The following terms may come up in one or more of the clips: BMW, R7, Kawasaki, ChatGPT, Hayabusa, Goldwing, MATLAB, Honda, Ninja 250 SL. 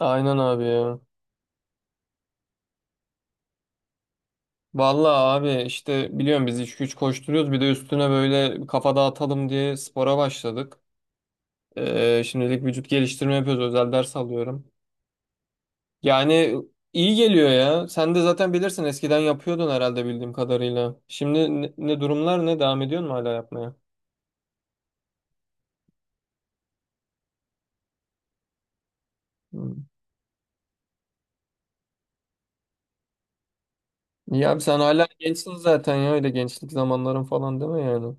Aynen abi ya. Vallahi abi işte biliyorum biz iş güç koşturuyoruz bir de üstüne böyle kafa dağıtalım diye spora başladık. Şimdilik vücut geliştirme yapıyoruz, özel ders alıyorum. Yani iyi geliyor ya. Sen de zaten bilirsin, eskiden yapıyordun herhalde bildiğim kadarıyla. Şimdi ne durumlar, ne devam ediyorsun mu hala yapmaya? Hmm. İyi abi, sen hala gençsin zaten ya, öyle gençlik zamanların falan değil mi yani?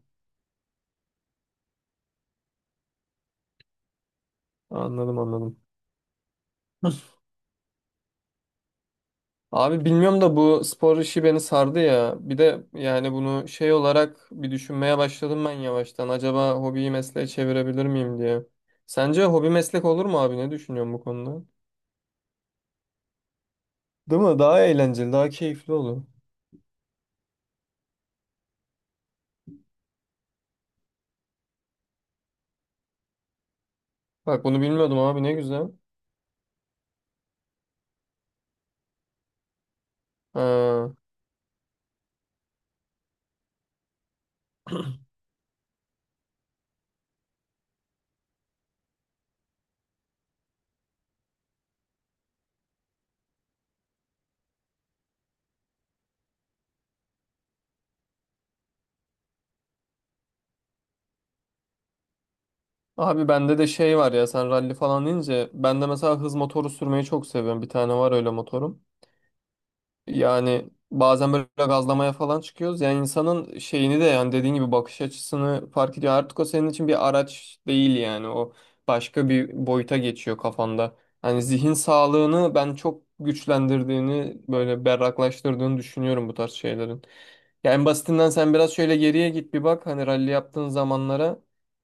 Anladım, anladım. Abi bilmiyorum da bu spor işi beni sardı ya. Bir de yani bunu şey olarak bir düşünmeye başladım ben yavaştan. Acaba hobiyi mesleğe çevirebilir miyim diye. Sence hobi meslek olur mu abi? Ne düşünüyorsun bu konuda? Değil mi? Daha eğlenceli, daha keyifli olur. Bak bunu bilmiyordum abi, ne güzel. Ha. Abi bende de şey var ya, sen ralli falan deyince, ben de mesela hız motoru sürmeyi çok seviyorum. Bir tane var öyle motorum. Yani bazen böyle gazlamaya falan çıkıyoruz. Yani insanın şeyini de, yani dediğin gibi, bakış açısını fark ediyor. Artık o senin için bir araç değil yani. O başka bir boyuta geçiyor kafanda. Hani zihin sağlığını ben çok güçlendirdiğini, böyle berraklaştırdığını düşünüyorum bu tarz şeylerin. Yani en basitinden sen biraz şöyle geriye git bir bak. Hani rally yaptığın zamanlara,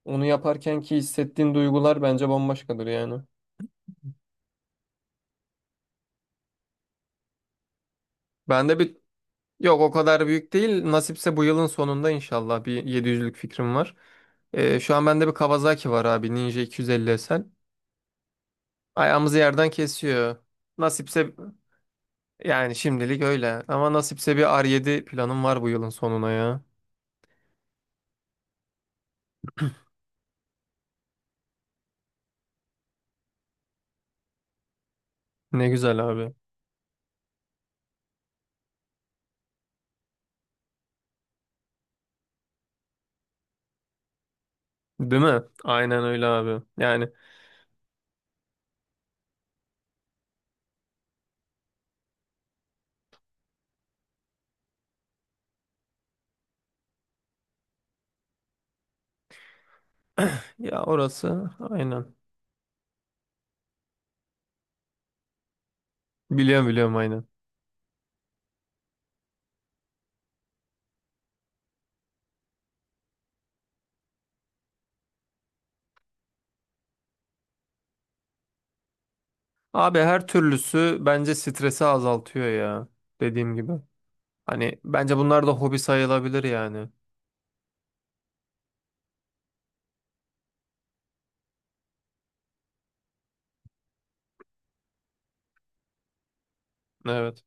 onu yaparken ki hissettiğin duygular bence bambaşkadır yani. Ben de bir Yok, o kadar büyük değil. Nasipse bu yılın sonunda inşallah bir 700'lük fikrim var. Şu an bende bir Kawasaki var abi. Ninja 250 SL. Ayağımızı yerden kesiyor. Nasipse yani şimdilik öyle. Ama nasipse bir R7 planım var bu yılın sonuna ya. Ne güzel abi. Değil mi? Aynen öyle abi. Yani, ya orası aynen. Biliyorum, biliyorum, aynen. Abi her türlüsü bence stresi azaltıyor ya. Dediğim gibi. Hani bence bunlar da hobi sayılabilir yani. Evet.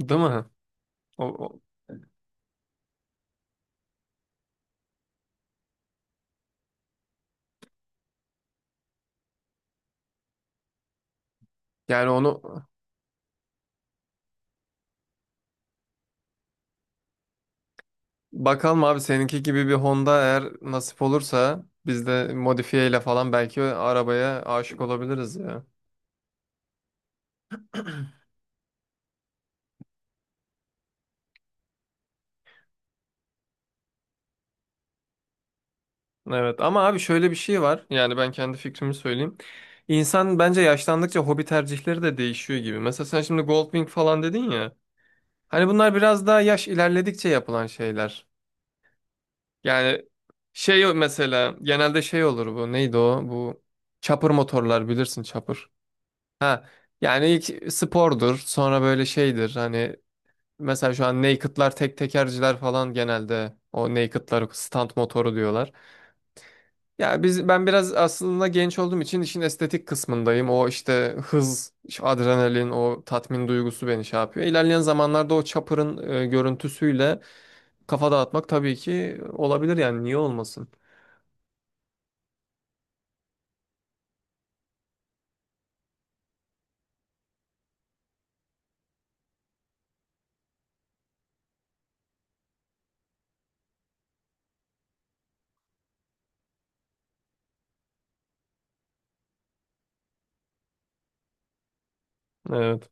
Değil mi? O, o- Yani onu, bakalım abi, seninki gibi bir Honda eğer nasip olursa biz de modifiye ile falan belki arabaya aşık olabiliriz ya. Evet ama abi şöyle bir şey var. Yani ben kendi fikrimi söyleyeyim. İnsan bence yaşlandıkça hobi tercihleri de değişiyor gibi. Mesela sen şimdi Goldwing falan dedin ya. Hani bunlar biraz daha yaş ilerledikçe yapılan şeyler. Yani şey, mesela genelde şey olur bu. Neydi o? Bu çapır motorlar, bilirsin, çapır. Ha, yani ilk spordur, sonra böyle şeydir hani, mesela şu an naked'lar, tek tekerciler falan, genelde o naked'lar stand motoru diyorlar. Ya ben biraz aslında genç olduğum için işin estetik kısmındayım. O işte hız, şu adrenalin, o tatmin duygusu beni şey yapıyor. İlerleyen zamanlarda o chopper'ın görüntüsüyle kafa dağıtmak tabii ki olabilir yani, niye olmasın? Evet.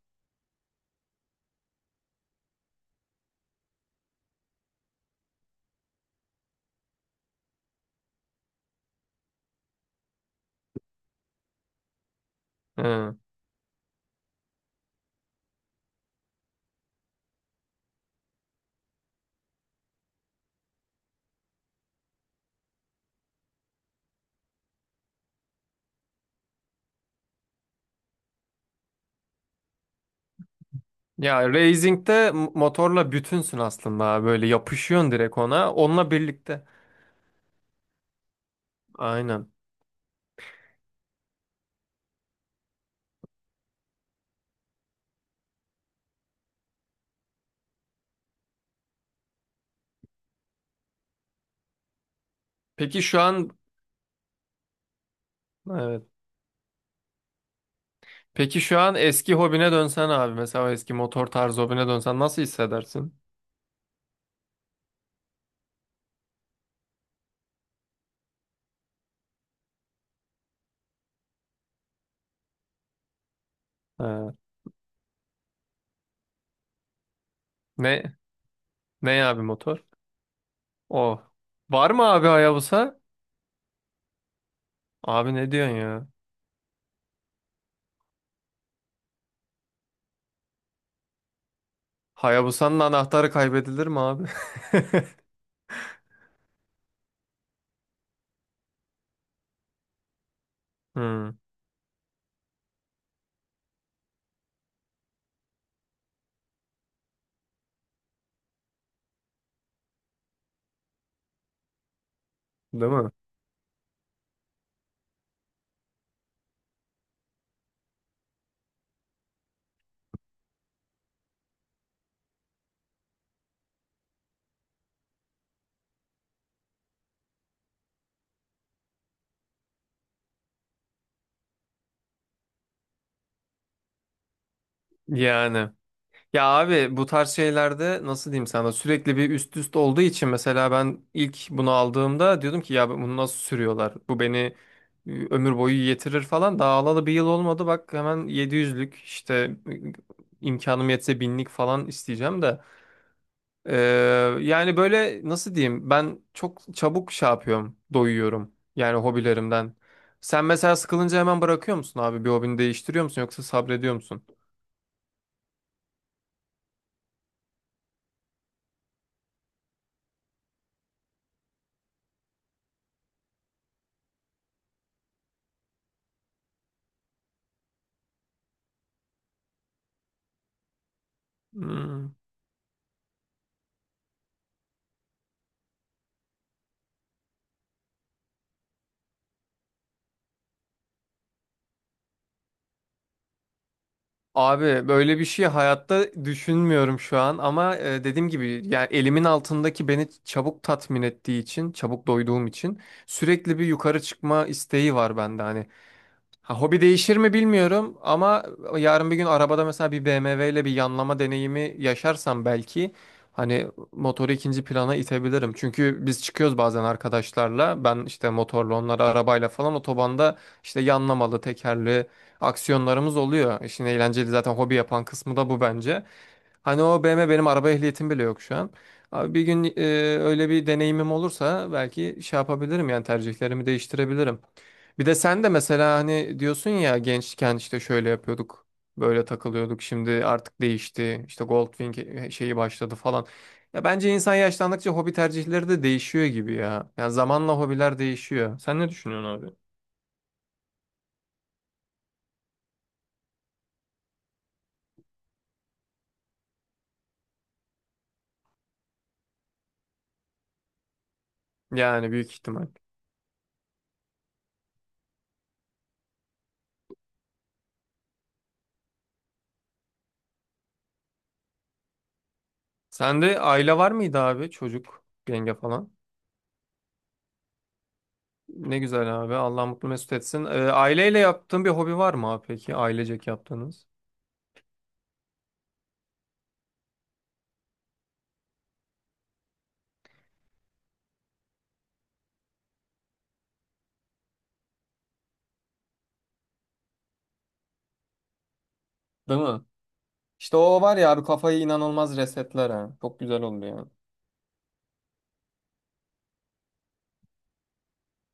Hı. Ya racing'de motorla bütünsün aslında, böyle yapışıyorsun direkt ona, onunla birlikte. Aynen. Peki şu an Evet. Peki şu an eski hobine dönsen abi, mesela eski motor tarzı hobine dönsen nasıl hissedersin? Ha. Ne ne abi, motor? O. Var mı abi Hayabusa? Abi ne diyorsun ya? Hayabusa'nın anahtarı kaybedilir mi abi? Hmm, değil mi? Yani. Ya abi, bu tarz şeylerde, nasıl diyeyim sana, sürekli bir üst üst olduğu için, mesela ben ilk bunu aldığımda diyordum ki ya bunu nasıl sürüyorlar? Bu beni ömür boyu yetirir falan. Daha alalı bir yıl olmadı, bak hemen 700'lük işte imkanım yetse binlik falan isteyeceğim de. Ee, Yani böyle nasıl diyeyim, ben çok çabuk şey yapıyorum, doyuyorum yani hobilerimden. Sen mesela sıkılınca hemen bırakıyor musun abi, bir hobini değiştiriyor musun, yoksa sabrediyor musun? Hmm. Abi böyle bir şey hayatta düşünmüyorum şu an, ama dediğim gibi, yani elimin altındaki beni çabuk tatmin ettiği için, çabuk doyduğum için sürekli bir yukarı çıkma isteği var bende hani. Ha, hobi değişir mi bilmiyorum ama yarın bir gün arabada mesela bir BMW ile bir yanlama deneyimi yaşarsam belki hani motoru ikinci plana itebilirim. Çünkü biz çıkıyoruz bazen arkadaşlarla, ben işte motorla, onları arabayla falan, otobanda işte yanlamalı, tekerli aksiyonlarımız oluyor. İşin eğlenceli, zaten hobi yapan kısmı da bu bence. Hani o BMW, benim araba ehliyetim bile yok şu an. Abi bir gün öyle bir deneyimim olursa belki şey yapabilirim yani, tercihlerimi değiştirebilirim. Bir de sen de mesela hani diyorsun ya, gençken işte şöyle yapıyorduk, böyle takılıyorduk. Şimdi artık değişti. İşte Goldwing şeyi başladı falan. Ya bence insan yaşlandıkça hobi tercihleri de değişiyor gibi ya. Yani zamanla hobiler değişiyor. Sen ne düşünüyorsun abi? Yani büyük ihtimal. Sende aile var mıydı abi? Çocuk, yenge falan. Ne güzel abi. Allah mutlu mesut etsin. Aileyle yaptığın bir hobi var mı abi peki? Ailecek yaptığınız. Değil mi? İşte o var ya abi, kafayı inanılmaz resetler ha. Çok güzel oldu yani.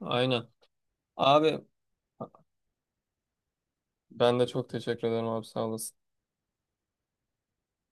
Aynen. Abi ben de çok teşekkür ederim abi, sağ olasın.